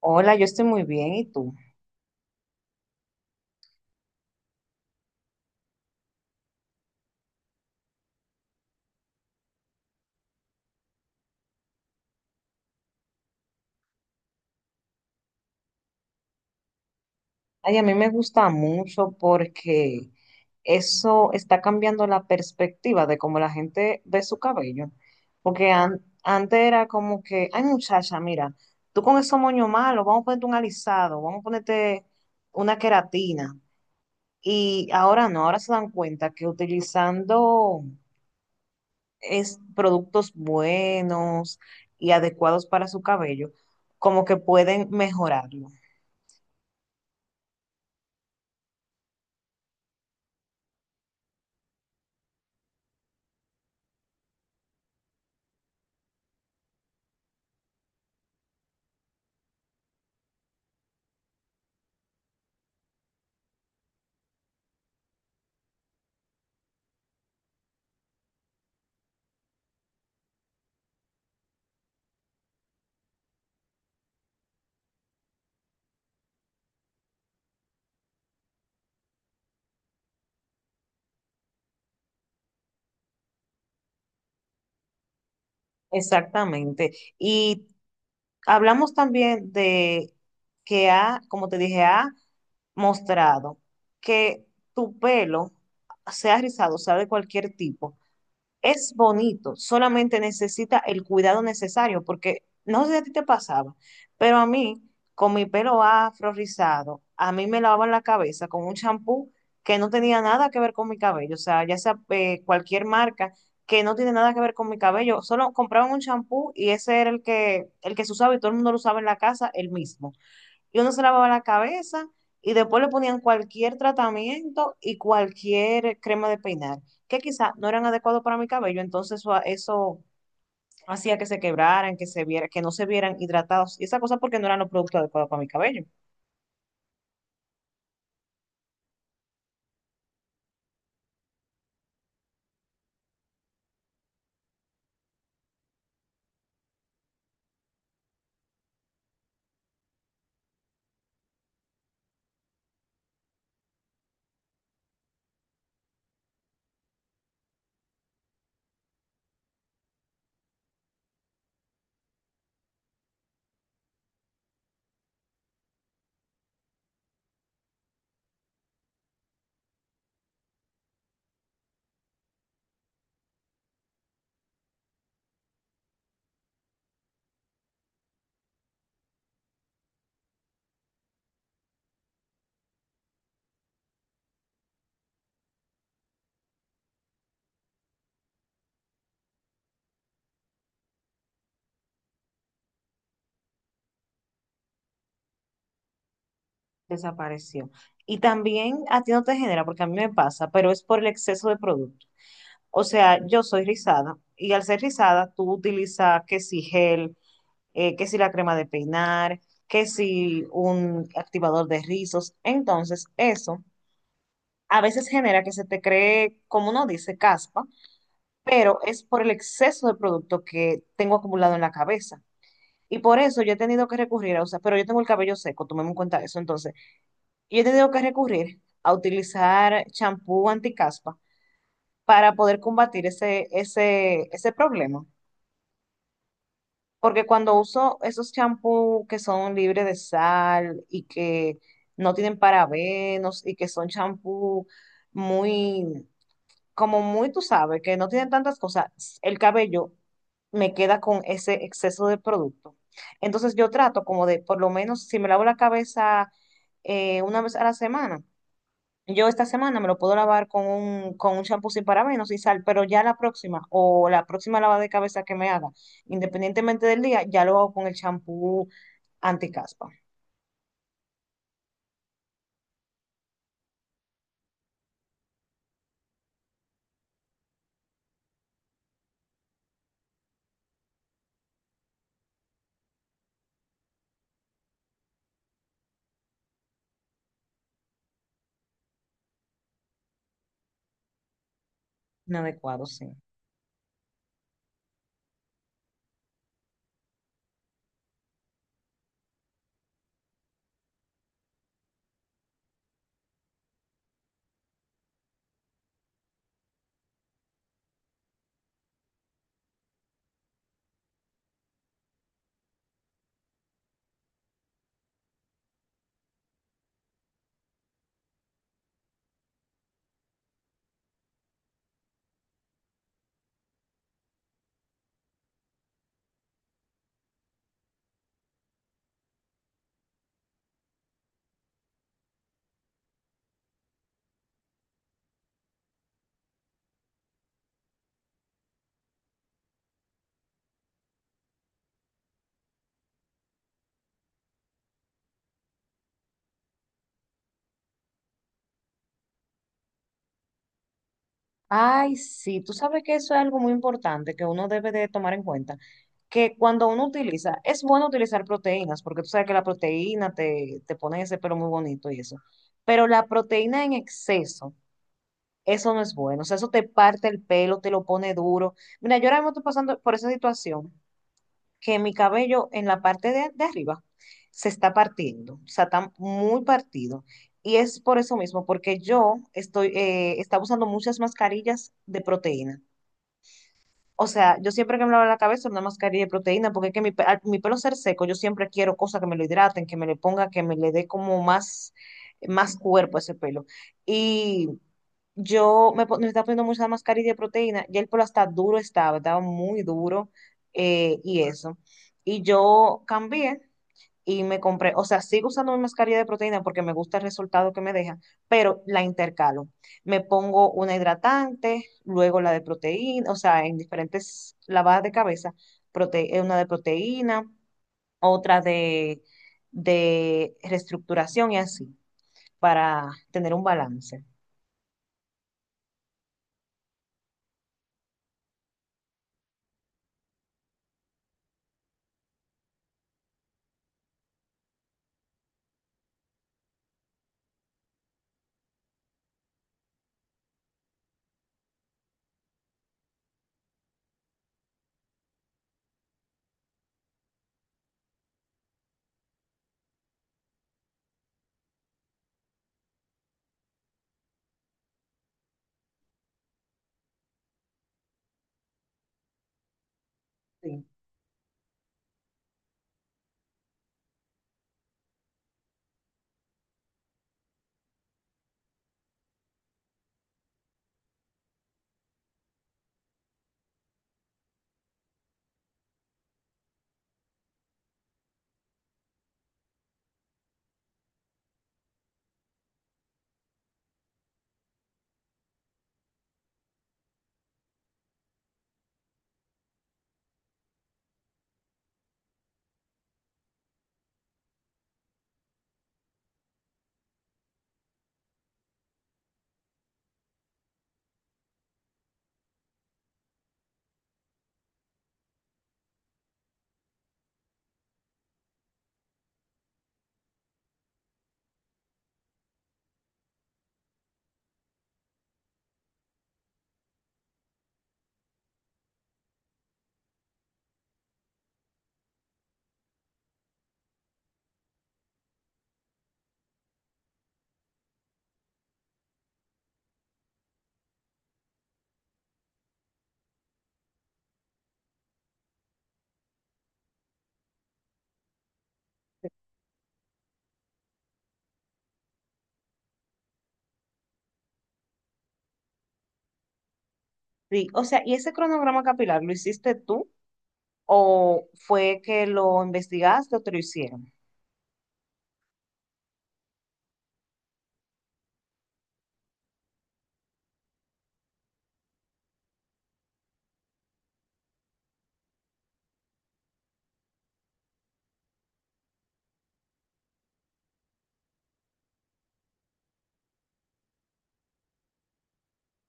Hola, yo estoy muy bien, ¿y tú? Ay, a mí me gusta mucho porque eso está cambiando la perspectiva de cómo la gente ve su cabello. Porque antes era como que, ay muchacha, mira, tú con esos moños malos, vamos a ponerte un alisado, vamos a ponerte una queratina. Y ahora no, ahora se dan cuenta que utilizando productos buenos y adecuados para su cabello, como que pueden mejorarlo. Exactamente. Y hablamos también de que ha, como te dije, ha mostrado que tu pelo, sea rizado, sea de cualquier tipo, es bonito, solamente necesita el cuidado necesario, porque no sé si a ti te pasaba, pero a mí, con mi pelo afro rizado, a mí me lavaban la cabeza con un champú que no tenía nada que ver con mi cabello, o sea, ya sea cualquier marca que no tiene nada que ver con mi cabello, solo compraban un champú y ese era el que se usaba y todo el mundo lo usaba en la casa, el mismo, y uno se lavaba la cabeza y después le ponían cualquier tratamiento y cualquier crema de peinar, que quizá no eran adecuados para mi cabello, entonces eso hacía que se quebraran, que se viera, que no se vieran hidratados y esa cosa porque no eran los productos adecuados para mi cabello. Desapareció. Y también a ti no te genera, porque a mí me pasa, pero es por el exceso de producto. O sea, yo soy rizada y al ser rizada, tú utilizas que si gel, que si la crema de peinar, que si un activador de rizos. Entonces, eso a veces genera que se te cree, como uno dice, caspa, pero es por el exceso de producto que tengo acumulado en la cabeza. Y por eso yo he tenido que recurrir a usar, pero yo tengo el cabello seco, tomemos en cuenta eso. Entonces, yo he tenido que recurrir a utilizar champú anticaspa para poder combatir ese problema. Porque cuando uso esos champús que son libres de sal y que no tienen parabenos y que son champús muy, como muy, tú sabes, que no tienen tantas cosas, el cabello me queda con ese exceso de producto. Entonces yo trato como de, por lo menos, si me lavo la cabeza una vez a la semana, yo esta semana me lo puedo lavar con con un champú sin parabenos y sal, pero ya la próxima o la próxima lavada de cabeza que me haga, independientemente del día, ya lo hago con el champú anticaspa. Inadecuado, sí. Ay, sí, tú sabes que eso es algo muy importante que uno debe de tomar en cuenta, que cuando uno utiliza, es bueno utilizar proteínas, porque tú sabes que la proteína te pone ese pelo muy bonito y eso, pero la proteína en exceso. Eso no es bueno. O sea, eso te parte el pelo, te lo pone duro. Mira, yo ahora mismo estoy pasando por esa situación que mi cabello en la parte de arriba se está partiendo. O sea, está muy partido. Y es por eso mismo, porque yo estoy, estaba usando muchas mascarillas de proteína. O sea, yo siempre que me lavo la cabeza una mascarilla de proteína, porque es que mi pelo ser seco, yo siempre quiero cosas que me lo hidraten, que me le ponga, que me le dé como más, más cuerpo a ese pelo. Y me estaba poniendo mucha mascarilla de proteína, ya el pelo hasta duro estaba muy duro y eso. Y yo cambié y me compré, o sea, sigo usando mi mascarilla de proteína porque me gusta el resultado que me deja, pero la intercalo. Me pongo una hidratante, luego la de proteína, o sea, en diferentes lavadas de cabeza, una de proteína, otra de reestructuración y así, para tener un balance. Sí. Sí, o sea, ¿y ese cronograma capilar lo hiciste tú o fue que lo investigaste o te lo hicieron?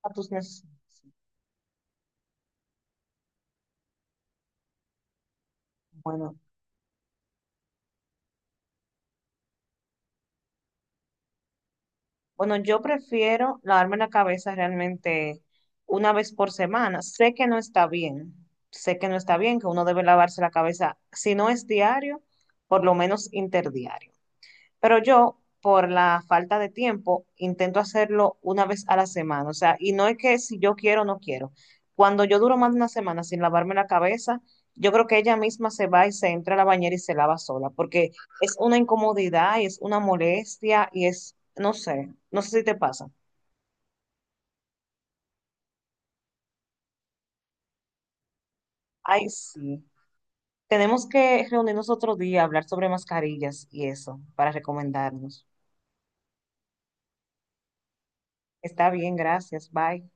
A tus necesidades. Bueno, bueno, yo prefiero lavarme la cabeza realmente una vez por semana. Sé que no está bien, sé que no está bien, que uno debe lavarse la cabeza, si no es diario, por lo menos interdiario. Pero yo, por la falta de tiempo, intento hacerlo una vez a la semana. O sea, y no es que si yo quiero o no quiero. Cuando yo duro más de una semana sin lavarme la cabeza, yo creo que ella misma se va y se entra a la bañera y se lava sola, porque es una incomodidad y es una molestia y es, no sé, no sé si te pasa. Ay, sí. Tenemos que reunirnos otro día, hablar sobre mascarillas y eso, para recomendarnos. Está bien, gracias, bye.